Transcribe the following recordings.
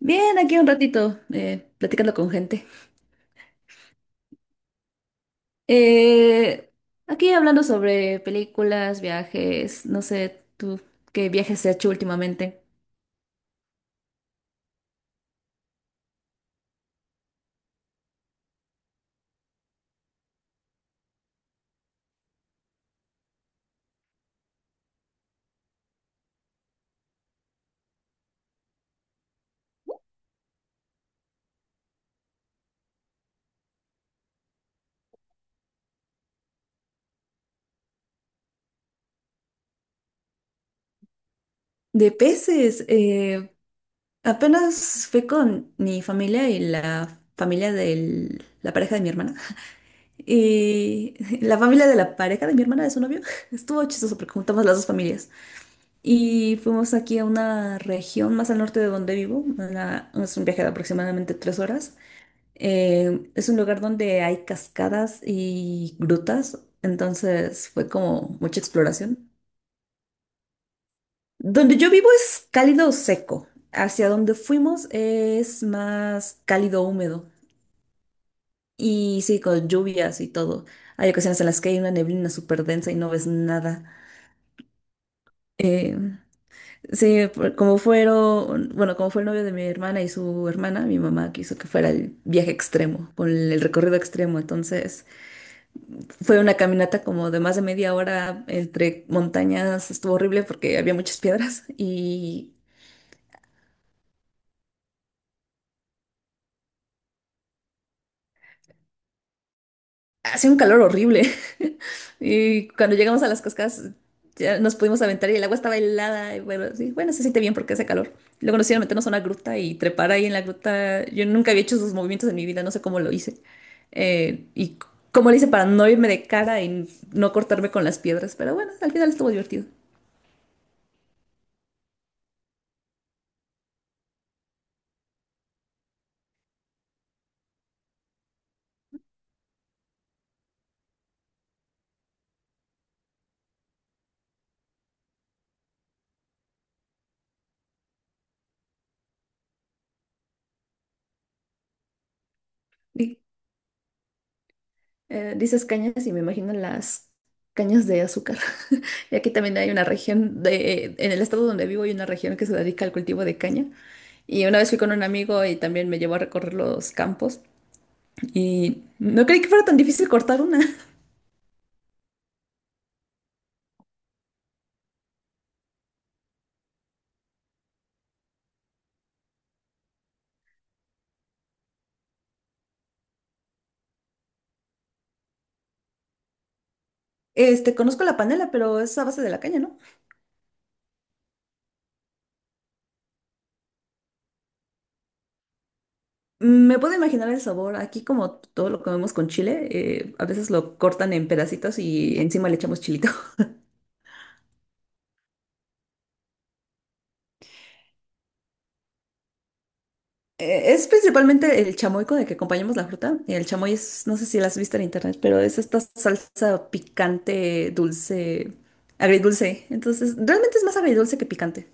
Bien, aquí un ratito, platicando con gente. Eh, Aquí hablando sobre películas, viajes, no sé, tú, ¿qué viajes has hecho últimamente? De peces, apenas fui con mi familia y la familia de la pareja de mi hermana. Y la familia de la pareja de mi hermana, de su novio, estuvo chistoso porque juntamos las dos familias. Y fuimos aquí a una región más al norte de donde vivo, es un viaje de aproximadamente 3 horas. Es un lugar donde hay cascadas y grutas, entonces fue como mucha exploración. Donde yo vivo es cálido seco, hacia donde fuimos es más cálido húmedo, y sí, con lluvias y todo. Hay ocasiones en las que hay una neblina súper densa y no ves nada. Eh, sí, como fueron, bueno, como fue el novio de mi hermana y su hermana, mi mamá quiso que fuera el viaje extremo, con el recorrido extremo, entonces... Fue una caminata como de más de media hora entre montañas, estuvo horrible porque había muchas piedras y hacía un calor horrible. Y cuando llegamos a las cascadas ya nos pudimos aventar y el agua estaba helada y bueno, sí, bueno, se siente bien porque hace calor. Luego nos hicieron meternos a una gruta y trepar ahí en la gruta. Yo nunca había hecho esos movimientos en mi vida, no sé cómo lo hice. Eh, y c- Cómo lo hice para no irme de cara y no cortarme con las piedras, pero bueno, al final estuvo divertido. Dices cañas y me imagino las cañas de azúcar. Y aquí también hay una región en el estado donde vivo hay una región que se dedica al cultivo de caña. Y una vez fui con un amigo y también me llevó a recorrer los campos, y no creí que fuera tan difícil cortar una. Este, conozco la panela, pero es a base de la caña, ¿no? Me puedo imaginar el sabor. Aquí como todo lo comemos con chile, a veces lo cortan en pedacitos y encima le echamos chilito. Es principalmente el chamoy con el que acompañamos la fruta. El chamoy es, no sé si la has visto en internet, pero es esta salsa picante, dulce, agridulce. Entonces, realmente es más agridulce que picante.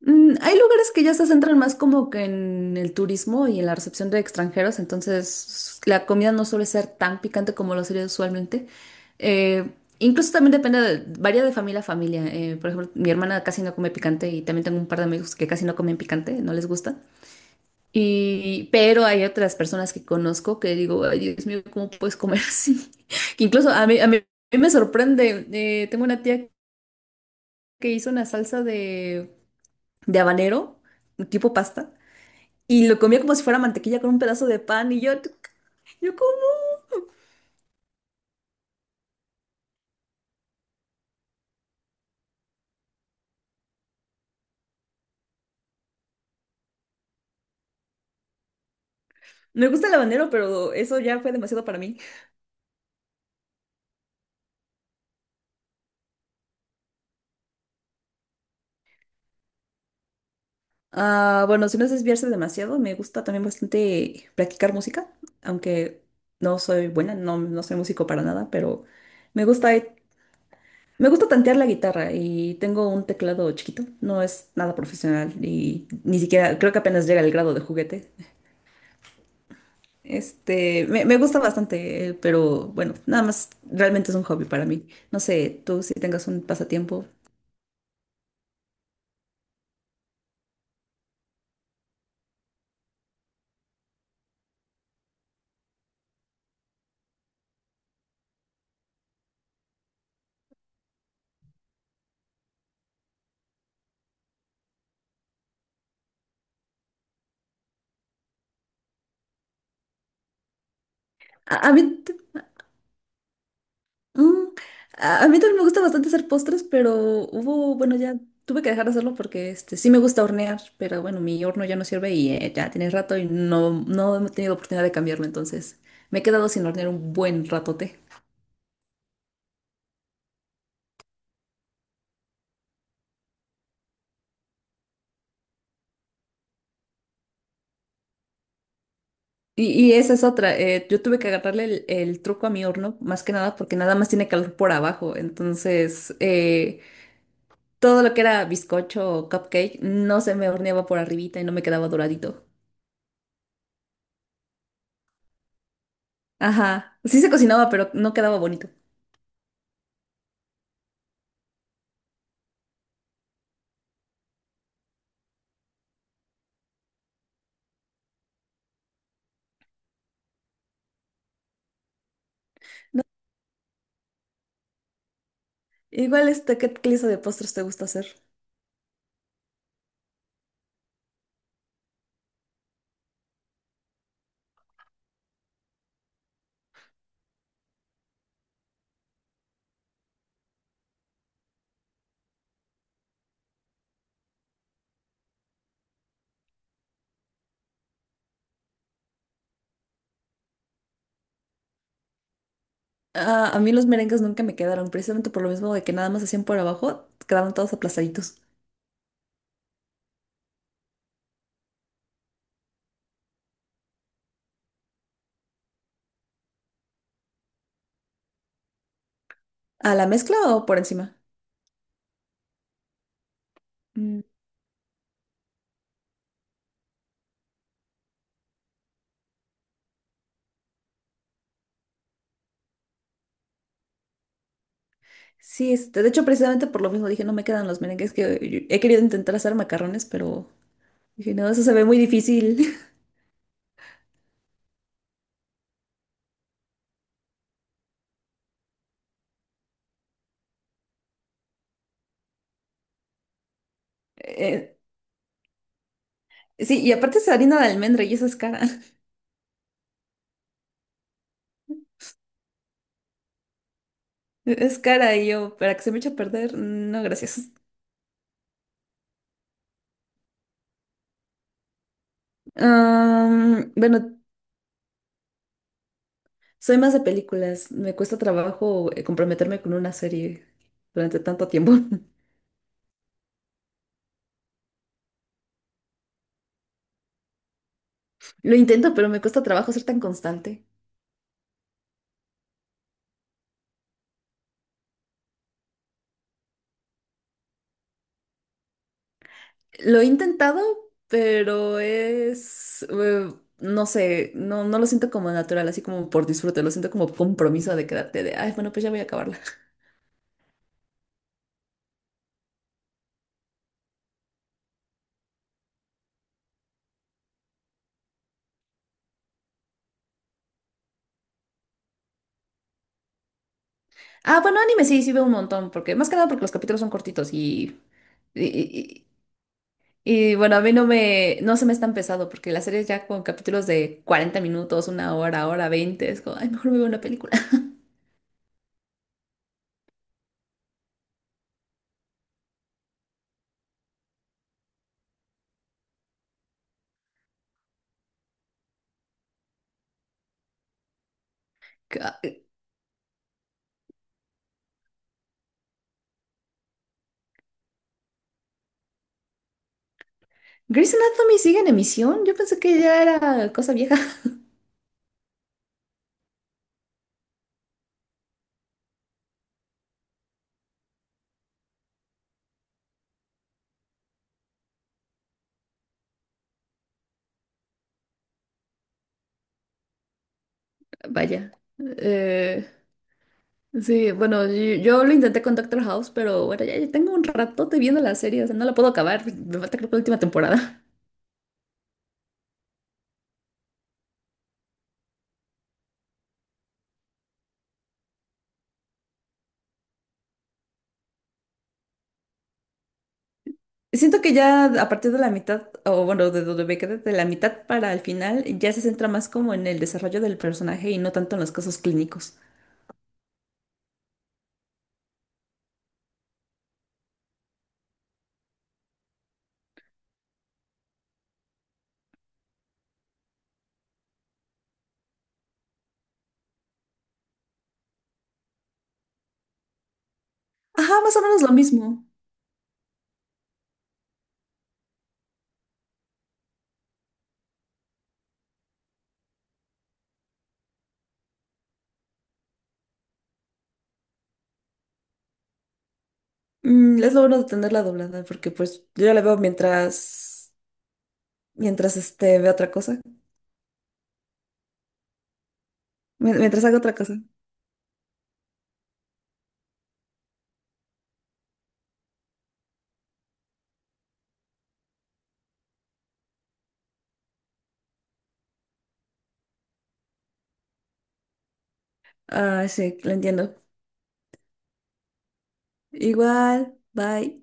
Mm, hay lugares que ya se centran más como que en el turismo y en la recepción de extranjeros, entonces la comida no suele ser tan picante como lo sería usualmente. Eh, Incluso también depende, varía de familia a familia. Por ejemplo, mi hermana casi no come picante y también tengo un par de amigos que casi no comen picante, no les gusta. Pero hay otras personas que conozco que digo, ay, Dios mío, ¿cómo puedes comer así? Que incluso a mí me sorprende. Tengo una tía que hizo una salsa de habanero, tipo pasta, y lo comía como si fuera mantequilla con un pedazo de pan. Y yo como. Me gusta el habanero, pero eso ya fue demasiado para mí. Ah, bueno, si no es desviarse demasiado, me gusta también bastante practicar música, aunque no soy buena, no soy músico para nada, pero me gusta. Me gusta tantear la guitarra y tengo un teclado chiquito, no es nada profesional y ni siquiera, creo que apenas llega al grado de juguete. Me gusta bastante, pero bueno, nada más realmente es un hobby para mí. No sé, tú si tengas un pasatiempo. A mí, t- mm, a mí también me gusta bastante hacer postres, pero hubo, bueno, ya tuve que dejar de hacerlo porque este, sí me gusta hornear, pero bueno, mi horno ya no sirve y ya tiene rato y no he tenido oportunidad de cambiarlo, entonces me he quedado sin hornear un buen ratote. Y esa es otra. Yo tuve que agarrarle el truco a mi horno, más que nada, porque nada más tiene calor por abajo. Entonces, todo lo que era bizcocho o cupcake no se me horneaba por arribita y no me quedaba doradito. Ajá. Sí se cocinaba, pero no quedaba bonito. Igual, este, ¿qué clase de postres te gusta hacer? Ah, a mí los merengues nunca me quedaron, precisamente por lo mismo de que nada más hacían por abajo, quedaban todos aplastaditos. ¿A la mezcla o por encima? Sí, este, de hecho, precisamente por lo mismo dije, no me quedan los merengues que he querido intentar hacer macarrones, pero dije, no, eso se ve muy difícil. Eh, sí, y aparte es harina de almendra y esa es cara. Es cara y yo, para que se me eche a perder, no, gracias. Am, bueno, soy más de películas. Me cuesta trabajo comprometerme con una serie durante tanto tiempo. Lo intento, pero me cuesta trabajo ser tan constante. Lo he intentado, pero es, no sé, no lo siento como natural, así como por disfrute, lo siento como compromiso de quedarte de, ay, bueno, pues ya voy a acabarla. Ah, bueno, anime sí, sí veo un montón, porque más que nada porque los capítulos son cortitos y, y- y, bueno, a mí no me, no se me es tan pesado, porque las series ya con capítulos de 40 minutos, una hora, hora 20 es como, ay, mejor me veo una película. Ca- Grey's Anatomy sigue en emisión, yo pensé que ya era cosa vieja. Vaya. eh, Sí, bueno, yo lo intenté con Doctor House, pero bueno, ya tengo un ratote viendo la serie, o sea, no la puedo acabar, me falta creo que la última temporada. Siento que ya a partir de la mitad, o bueno, de donde me quedé, de la mitad para el final, ya se centra más como en el desarrollo del personaje y no tanto en los casos clínicos. Ajá, más o menos lo mismo. Mm, es lo bueno de tenerla doblada, porque pues yo ya la veo mientras, mientras este, veo otra cosa, mientras hago otra cosa. Ah, sí, lo entiendo. Igual, bye.